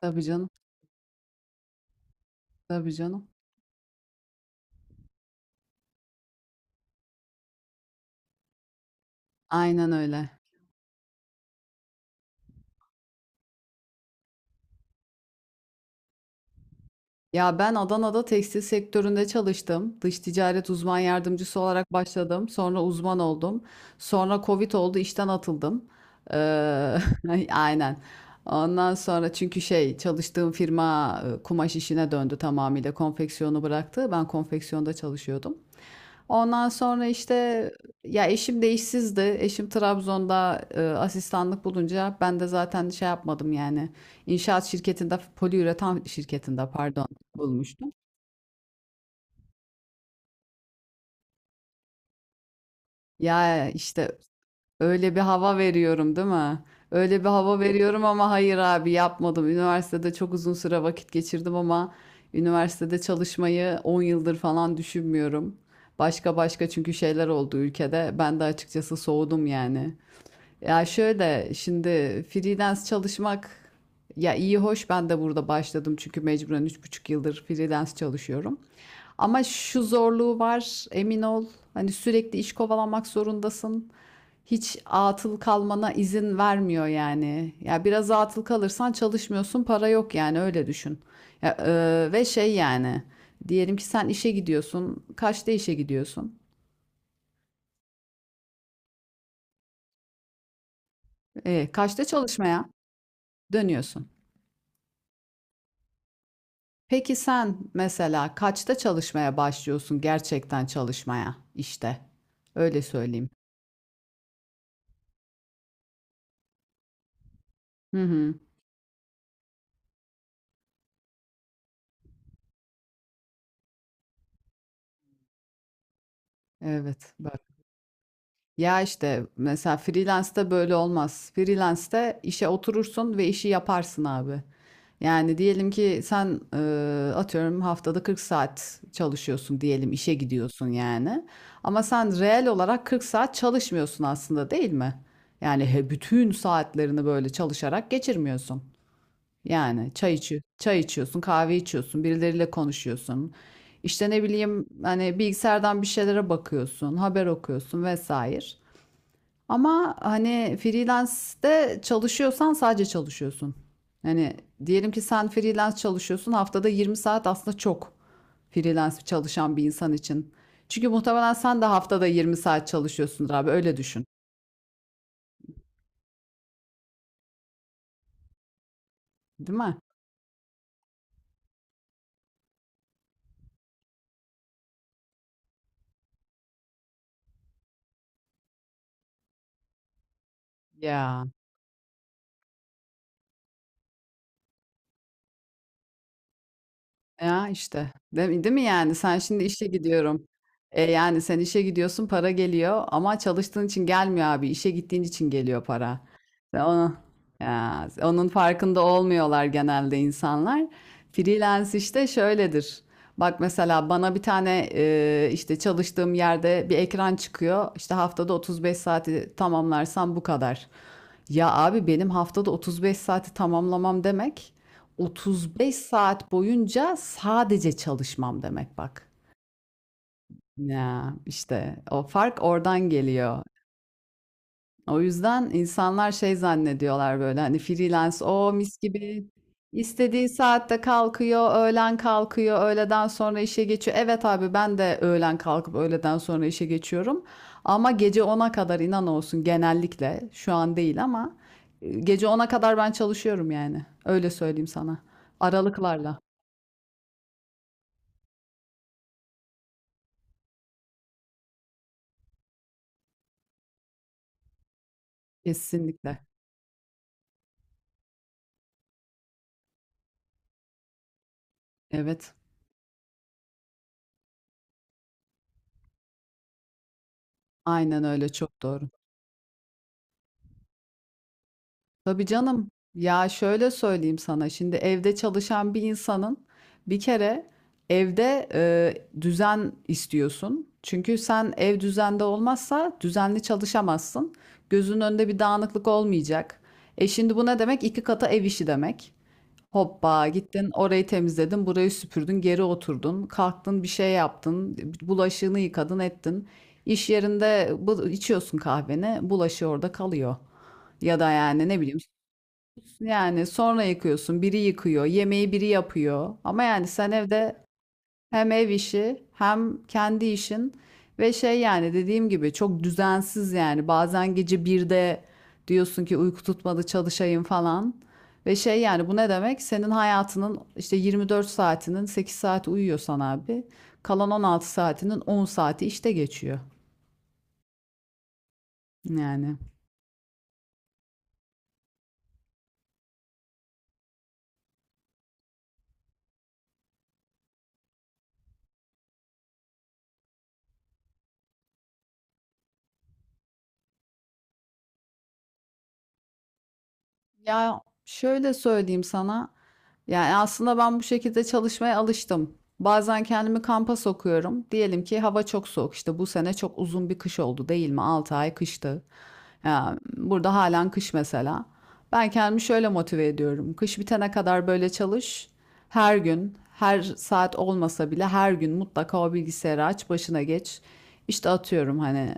Tabii canım, tabii canım. Aynen öyle. Ya ben Adana'da tekstil sektöründe çalıştım. Dış ticaret uzman yardımcısı olarak başladım. Sonra uzman oldum. Sonra Covid oldu, işten atıldım. Ee, aynen. Ondan sonra çünkü şey çalıştığım firma kumaş işine döndü tamamıyla. Konfeksiyonu bıraktı. Ben konfeksiyonda çalışıyordum. Ondan sonra işte ya eşim de işsizdi. Eşim Trabzon'da asistanlık bulunca ben de zaten şey yapmadım yani. İnşaat şirketinde, poliüretan şirketinde pardon bulmuştum. Ya işte öyle bir hava veriyorum değil mi? Öyle bir hava veriyorum ama hayır abi yapmadım. Üniversitede çok uzun süre vakit geçirdim ama üniversitede çalışmayı 10 yıldır falan düşünmüyorum. Başka başka çünkü şeyler oldu ülkede. Ben de açıkçası soğudum yani. Ya şöyle şimdi freelance çalışmak ya iyi hoş ben de burada başladım çünkü mecburen 3,5 yıldır freelance çalışıyorum. Ama şu zorluğu var emin ol hani sürekli iş kovalamak zorundasın. Hiç atıl kalmana izin vermiyor yani. Ya biraz atıl kalırsan çalışmıyorsun para yok yani öyle düşün. Ya, ve şey yani diyelim ki sen işe gidiyorsun kaçta işe gidiyorsun? E, kaçta çalışmaya dönüyorsun? Peki sen mesela kaçta çalışmaya başlıyorsun gerçekten çalışmaya işte? Öyle söyleyeyim. Hı hı. Evet bak. Ya işte mesela freelance'de böyle olmaz. Freelance'de işe oturursun ve işi yaparsın abi. Yani diyelim ki sen atıyorum haftada 40 saat çalışıyorsun diyelim işe gidiyorsun yani. Ama sen reel olarak 40 saat çalışmıyorsun aslında değil mi? Yani he, bütün saatlerini böyle çalışarak geçirmiyorsun. Yani çay içiyorsun, kahve içiyorsun, birileriyle konuşuyorsun. İşte ne bileyim hani bilgisayardan bir şeylere bakıyorsun, haber okuyorsun vesaire. Ama hani freelance'de çalışıyorsan sadece çalışıyorsun. Hani diyelim ki sen freelance çalışıyorsun, haftada 20 saat aslında çok freelance çalışan bir insan için. Çünkü muhtemelen sen de haftada 20 saat çalışıyorsundur abi öyle düşün. Değil mi? Ya Ya, işte. Değil mi yani? Sen şimdi işe gidiyorum. Yani sen işe gidiyorsun, para geliyor ama çalıştığın için gelmiyor abi. İşe gittiğin için geliyor para. Ve onu, ya, onun farkında olmuyorlar genelde insanlar. Freelance işte şöyledir. Bak mesela bana bir tane işte çalıştığım yerde bir ekran çıkıyor. İşte haftada 35 saati tamamlarsam bu kadar. Ya abi benim haftada 35 saati tamamlamam demek. 35 saat boyunca sadece çalışmam demek bak. Ya işte o fark oradan geliyor. O yüzden insanlar şey zannediyorlar böyle hani freelance o mis gibi istediği saatte kalkıyor, öğlen kalkıyor, öğleden sonra işe geçiyor. Evet abi ben de öğlen kalkıp öğleden sonra işe geçiyorum. Ama gece ona kadar inan olsun genellikle şu an değil ama gece ona kadar ben çalışıyorum yani. Öyle söyleyeyim sana. Aralıklarla kesinlikle. Evet, aynen öyle, çok doğru. Tabii canım. Ya şöyle söyleyeyim sana, şimdi evde çalışan bir insanın bir kere evde düzen istiyorsun. Çünkü sen ev düzende olmazsa düzenli çalışamazsın. Gözünün önünde bir dağınıklık olmayacak. E şimdi bu ne demek? İki kata ev işi demek. Hoppa gittin orayı temizledin, burayı süpürdün, geri oturdun, kalktın bir şey yaptın, bulaşığını yıkadın ettin. İş yerinde bu, içiyorsun kahveni, bulaşığı orada kalıyor. Ya da yani ne bileyim yani sonra yıkıyorsun, biri yıkıyor, yemeği biri yapıyor. Ama yani sen evde hem ev işi hem kendi işin ve şey yani dediğim gibi çok düzensiz yani bazen gece birde diyorsun ki uyku tutmadı çalışayım falan ve şey yani bu ne demek senin hayatının işte 24 saatinin 8 saati uyuyorsan abi kalan 16 saatinin 10 saati işte geçiyor yani. Ya şöyle söyleyeyim sana. Yani aslında ben bu şekilde çalışmaya alıştım. Bazen kendimi kampa sokuyorum. Diyelim ki hava çok soğuk. İşte bu sene çok uzun bir kış oldu değil mi? 6 ay kıştı. Ya burada halen kış mesela. Ben kendimi şöyle motive ediyorum. Kış bitene kadar böyle çalış. Her gün, her saat olmasa bile her gün mutlaka o bilgisayarı aç, başına geç. İşte atıyorum hani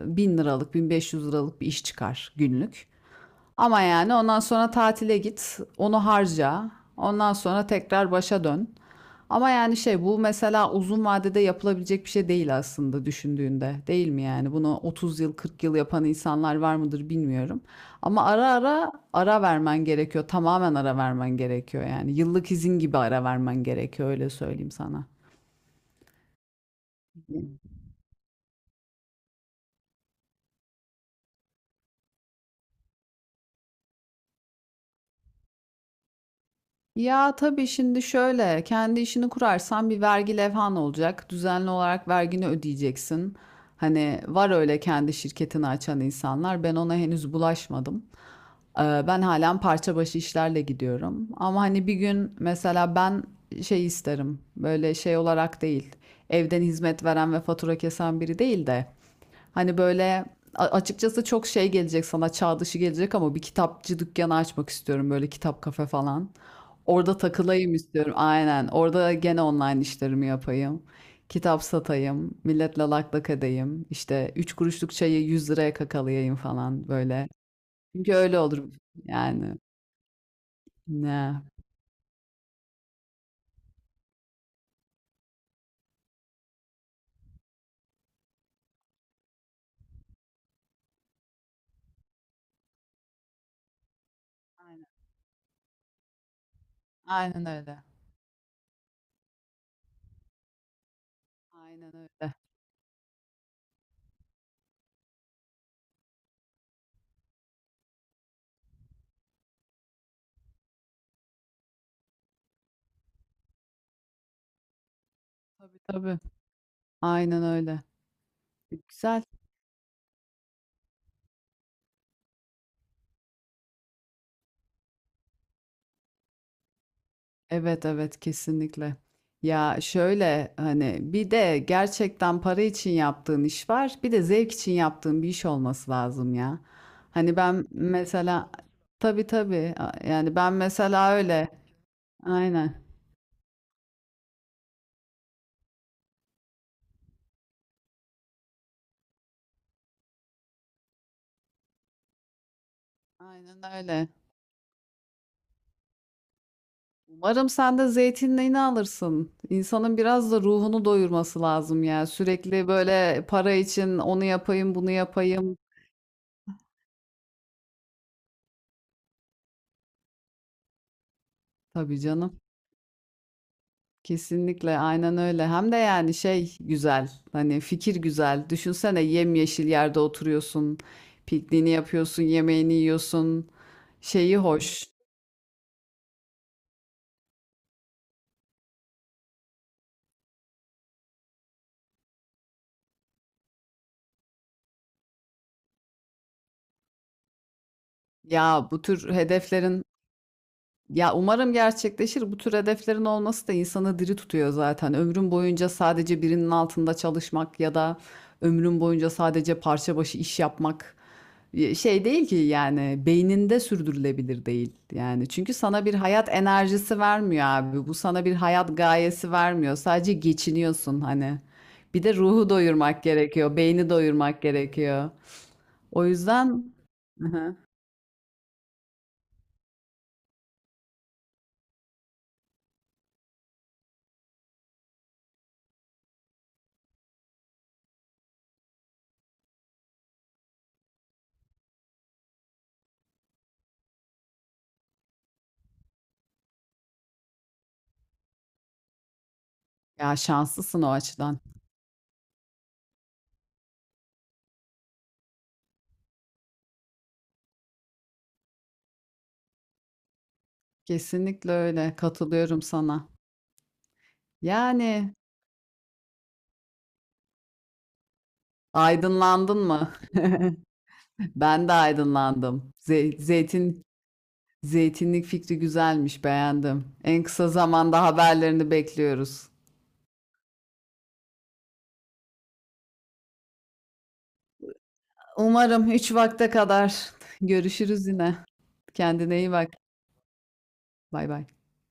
1.000 liralık, 1.500 liralık bir iş çıkar günlük. Ama yani ondan sonra tatile git, onu harca. Ondan sonra tekrar başa dön. Ama yani şey bu mesela uzun vadede yapılabilecek bir şey değil aslında düşündüğünde. Değil mi yani? Bunu 30 yıl, 40 yıl yapan insanlar var mıdır bilmiyorum. Ama ara ara ara vermen gerekiyor. Tamamen ara vermen gerekiyor yani. Yıllık izin gibi ara vermen gerekiyor öyle söyleyeyim sana. Ya tabii şimdi şöyle, kendi işini kurarsan bir vergi levhan olacak. Düzenli olarak vergini ödeyeceksin. Hani var öyle kendi şirketini açan insanlar. Ben ona henüz bulaşmadım. Ben halen parça başı işlerle gidiyorum. Ama hani bir gün mesela ben şey isterim. Böyle şey olarak değil. Evden hizmet veren ve fatura kesen biri değil de. Hani böyle açıkçası çok şey gelecek sana çağ dışı gelecek ama bir kitapçı dükkanı açmak istiyorum böyle kitap kafe falan. Orada takılayım istiyorum. Aynen. Orada gene online işlerimi yapayım. Kitap satayım. Milletle lak lak edeyim. İşte 3 kuruşluk çayı 100 liraya kakalayayım falan böyle. Çünkü öyle olur. Yani ne? Aynen. Aynen öyle. Aynen öyle. Tabii tabii. Aynen öyle. Güzel. Evet evet kesinlikle. Ya şöyle hani bir de gerçekten para için yaptığın iş var. Bir de zevk için yaptığın bir iş olması lazım ya. Hani ben mesela tabii tabii yani ben mesela öyle. Aynen. Aynen öyle. Umarım sen de zeytinliğini alırsın. İnsanın biraz da ruhunu doyurması lazım ya. Sürekli böyle para için onu yapayım, bunu yapayım. Tabii canım. Kesinlikle aynen öyle. Hem de yani şey güzel. Hani fikir güzel. Düşünsene yemyeşil yerde oturuyorsun. Pikniğini yapıyorsun, yemeğini yiyorsun. Şeyi hoş. Ya bu tür hedeflerin Ya umarım gerçekleşir. Bu tür hedeflerin olması da insanı diri tutuyor zaten. Ömrün boyunca sadece birinin altında çalışmak ya da ömrün boyunca sadece parça başı iş yapmak şey değil ki yani beyninde sürdürülebilir değil. Yani çünkü sana bir hayat enerjisi vermiyor abi. Bu sana bir hayat gayesi vermiyor. Sadece geçiniyorsun hani. Bir de ruhu doyurmak gerekiyor, beyni doyurmak gerekiyor. O yüzden. Hı hı. Ya şanslısın o açıdan. Kesinlikle öyle, katılıyorum sana. Yani, aydınlandın mı? Ben de aydınlandım. Zeytinlik fikri güzelmiş, beğendim. En kısa zamanda haberlerini bekliyoruz. Umarım üç vakte kadar. Görüşürüz yine. Kendine iyi bak. Bay bay.